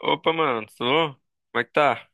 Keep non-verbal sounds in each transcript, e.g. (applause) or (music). Opa, mano, tudo bom? Como é que tá?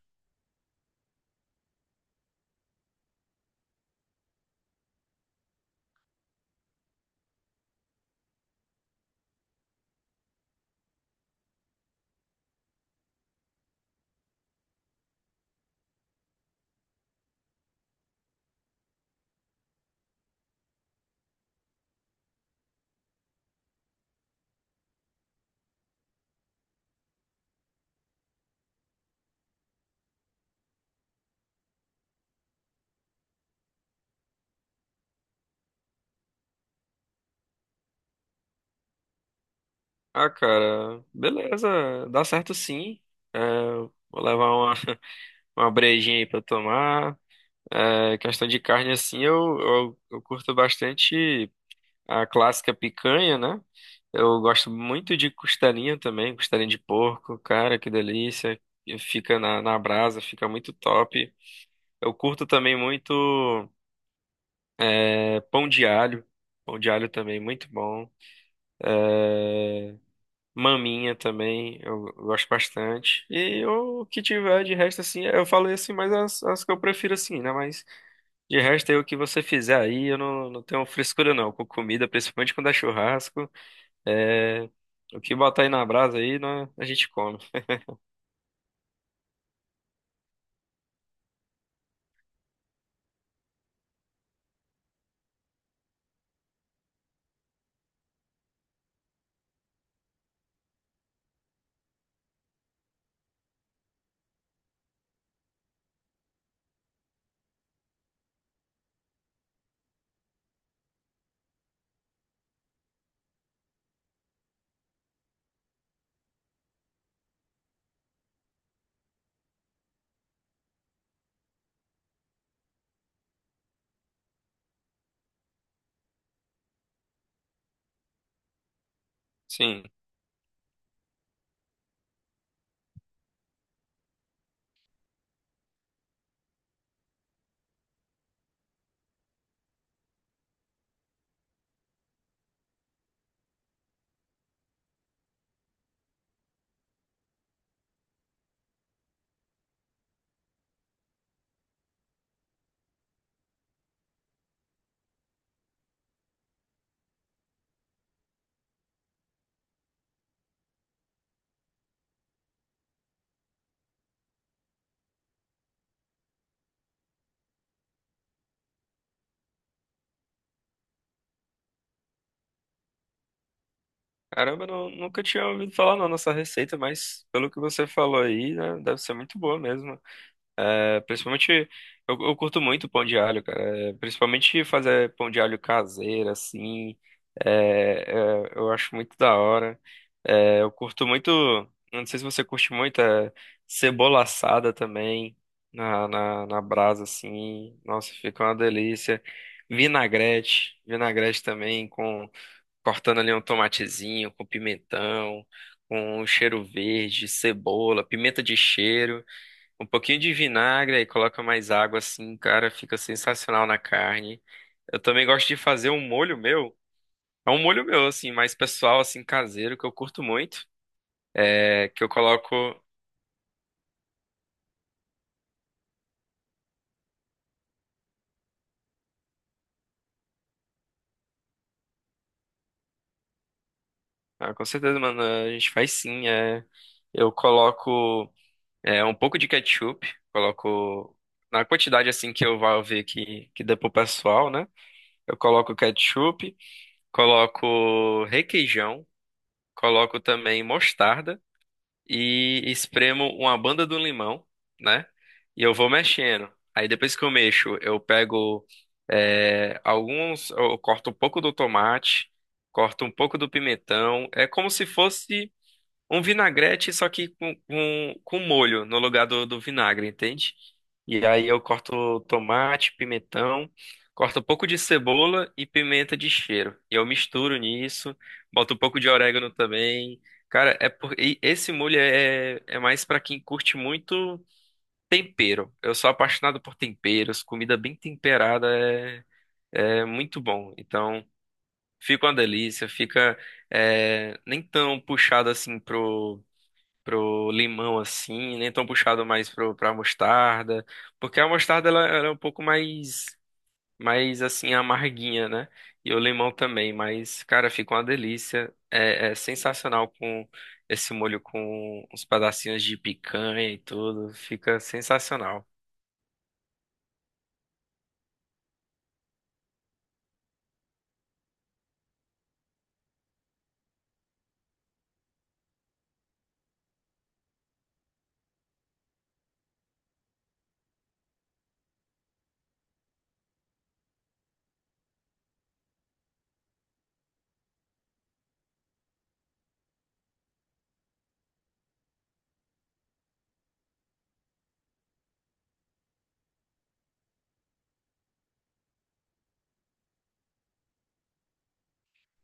Ah, cara, beleza, dá certo sim. É, vou levar uma, (laughs) uma brejinha aí pra tomar. Questão de carne, assim, eu curto bastante a clássica picanha, né? Eu gosto muito de costelinha também, costelinha de porco, cara, que delícia. E fica na brasa, fica muito top. Eu curto também muito é, pão de alho, pão de alho também, muito bom. Maminha também, eu gosto bastante. E o que tiver de resto, assim, eu falei assim, mas as que eu prefiro, assim, né? Mas de resto, aí, o que você fizer aí, eu não tenho frescura, não. Com comida, principalmente quando é churrasco. É, o que botar aí na brasa aí, né, a gente come. Sim. Caramba, eu não, nunca tinha ouvido falar, não, nessa receita, mas pelo que você falou aí, né, deve ser muito boa mesmo. É, principalmente, eu curto muito pão de alho, cara. É, principalmente fazer pão de alho caseiro, assim. Eu acho muito da hora. É, eu curto muito, não sei se você curte muito, cebola assada também, na brasa, assim. Nossa, fica uma delícia. Vinagrete, vinagrete também, com cortando ali um tomatezinho, com pimentão, com um cheiro verde, cebola, pimenta de cheiro. Um pouquinho de vinagre, aí coloca mais água assim, cara, fica sensacional na carne. Eu também gosto de fazer um molho meu. É um molho meu, assim, mais pessoal, assim, caseiro, que eu curto muito. É, que eu coloco. Ah, com certeza, mano, a gente faz sim. É, eu coloco um pouco de ketchup, coloco. Na quantidade assim que eu vou ver que dá pro pessoal, né? Eu coloco ketchup, coloco requeijão, coloco também mostarda. E espremo uma banda do limão, né? E eu vou mexendo. Aí depois que eu mexo, eu pego eu corto um pouco do tomate, corto um pouco do pimentão. É como se fosse um vinagrete, só que com molho no lugar do vinagre, entende? E aí eu corto tomate, pimentão, corto um pouco de cebola e pimenta de cheiro. E eu misturo nisso, boto um pouco de orégano também. Cara, e esse molho é mais pra quem curte muito tempero. Eu sou apaixonado por temperos, comida bem temperada é muito bom. Então, fica uma delícia, fica nem tão puxado assim pro limão assim, nem tão puxado mais pra mostarda, porque a mostarda ela é um pouco mais assim amarguinha, né? E o limão também, mas cara, fica uma delícia. É sensacional com esse molho com uns pedacinhos de picanha e tudo, fica sensacional.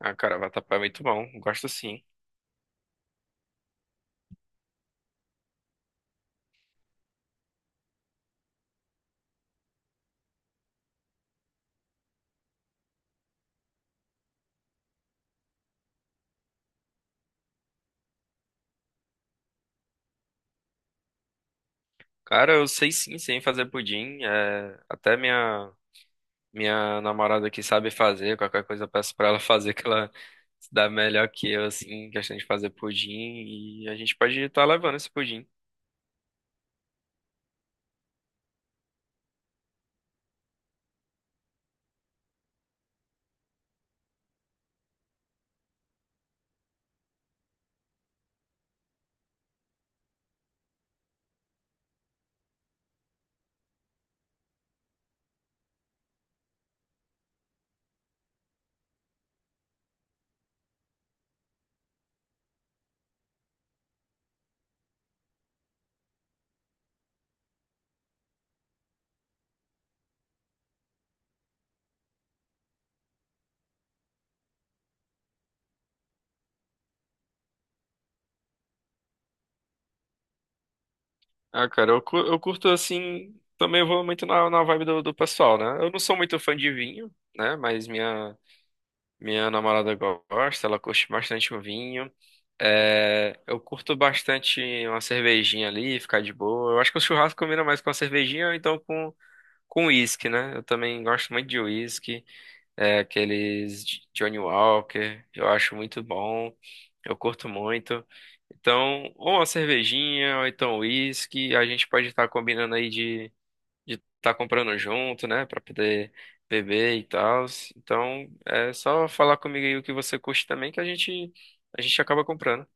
Ah, cara, vatapá é muito bom, gosto sim. Cara, eu sei sim, sem fazer pudim, até minha minha namorada aqui sabe fazer, qualquer coisa eu peço pra ela (laughs) fazer, que ela se dá melhor que eu, assim, em questão de fazer pudim, e a gente pode estar levando esse pudim. Ah, cara, eu curto, assim, também eu vou muito na vibe do pessoal, né? Eu não sou muito fã de vinho, né? Mas minha namorada gosta, ela curte bastante o vinho. É, eu curto bastante uma cervejinha ali, ficar de boa. Eu acho que o churrasco combina mais com a cervejinha, ou então com uísque, né? Eu também gosto muito de uísque. É, Johnny Walker, eu acho muito bom, eu curto muito. Então, ou uma cervejinha, ou então uísque, a gente pode estar combinando aí de estar comprando junto, né, pra poder beber e tal. Então, é só falar comigo aí o que você curte também que a gente acaba comprando.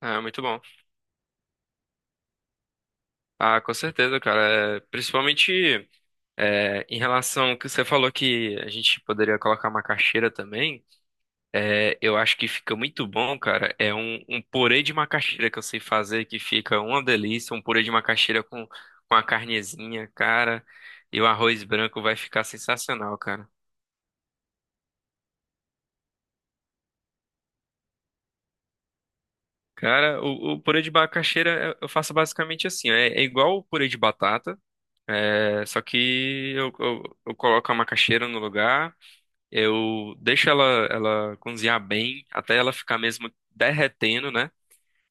Ah, muito bom. Ah, com certeza, cara. É, principalmente em relação ao que você falou que a gente poderia colocar uma caixeira também. É, eu acho que fica muito bom, cara. É um purê de macaxeira que eu sei fazer, que fica uma delícia. Um purê de macaxeira com a carnezinha, cara. E o arroz branco vai ficar sensacional, cara. Cara, o purê de macaxeira eu faço basicamente assim. É, é igual o purê de batata, é, só que eu coloco a macaxeira no lugar, eu deixo ela, ela cozinhar bem, até ela ficar mesmo derretendo, né?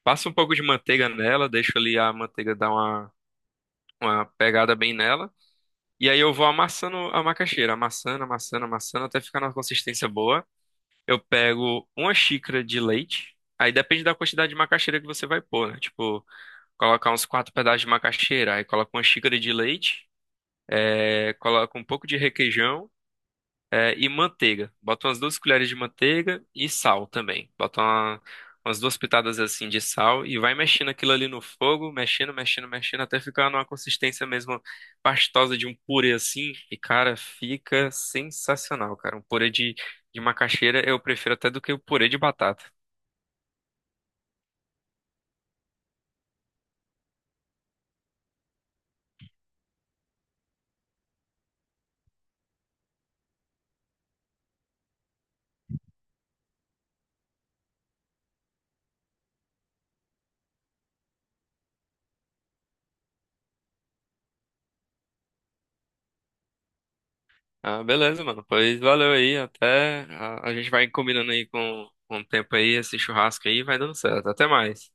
Passo um pouco de manteiga nela, deixo ali a manteiga dar uma pegada bem nela. E aí eu vou amassando a macaxeira, amassando, amassando, amassando, até ficar numa consistência boa. Eu pego uma xícara de leite. Aí depende da quantidade de macaxeira que você vai pôr, né? Tipo, colocar uns quatro pedaços de macaxeira, aí coloca uma xícara de leite, é, coloca um pouco de requeijão e manteiga. Bota umas duas colheres de manteiga e sal também. Umas duas pitadas assim de sal e vai mexendo aquilo ali no fogo, mexendo, mexendo, mexendo, até ficar numa consistência mesmo pastosa de um purê assim. E, cara, fica sensacional, cara. Um purê de macaxeira eu prefiro até do que o purê de batata. Ah, beleza, mano. Pois valeu aí. A gente vai combinando aí com o tempo aí, esse churrasco aí, vai dando certo. Até mais.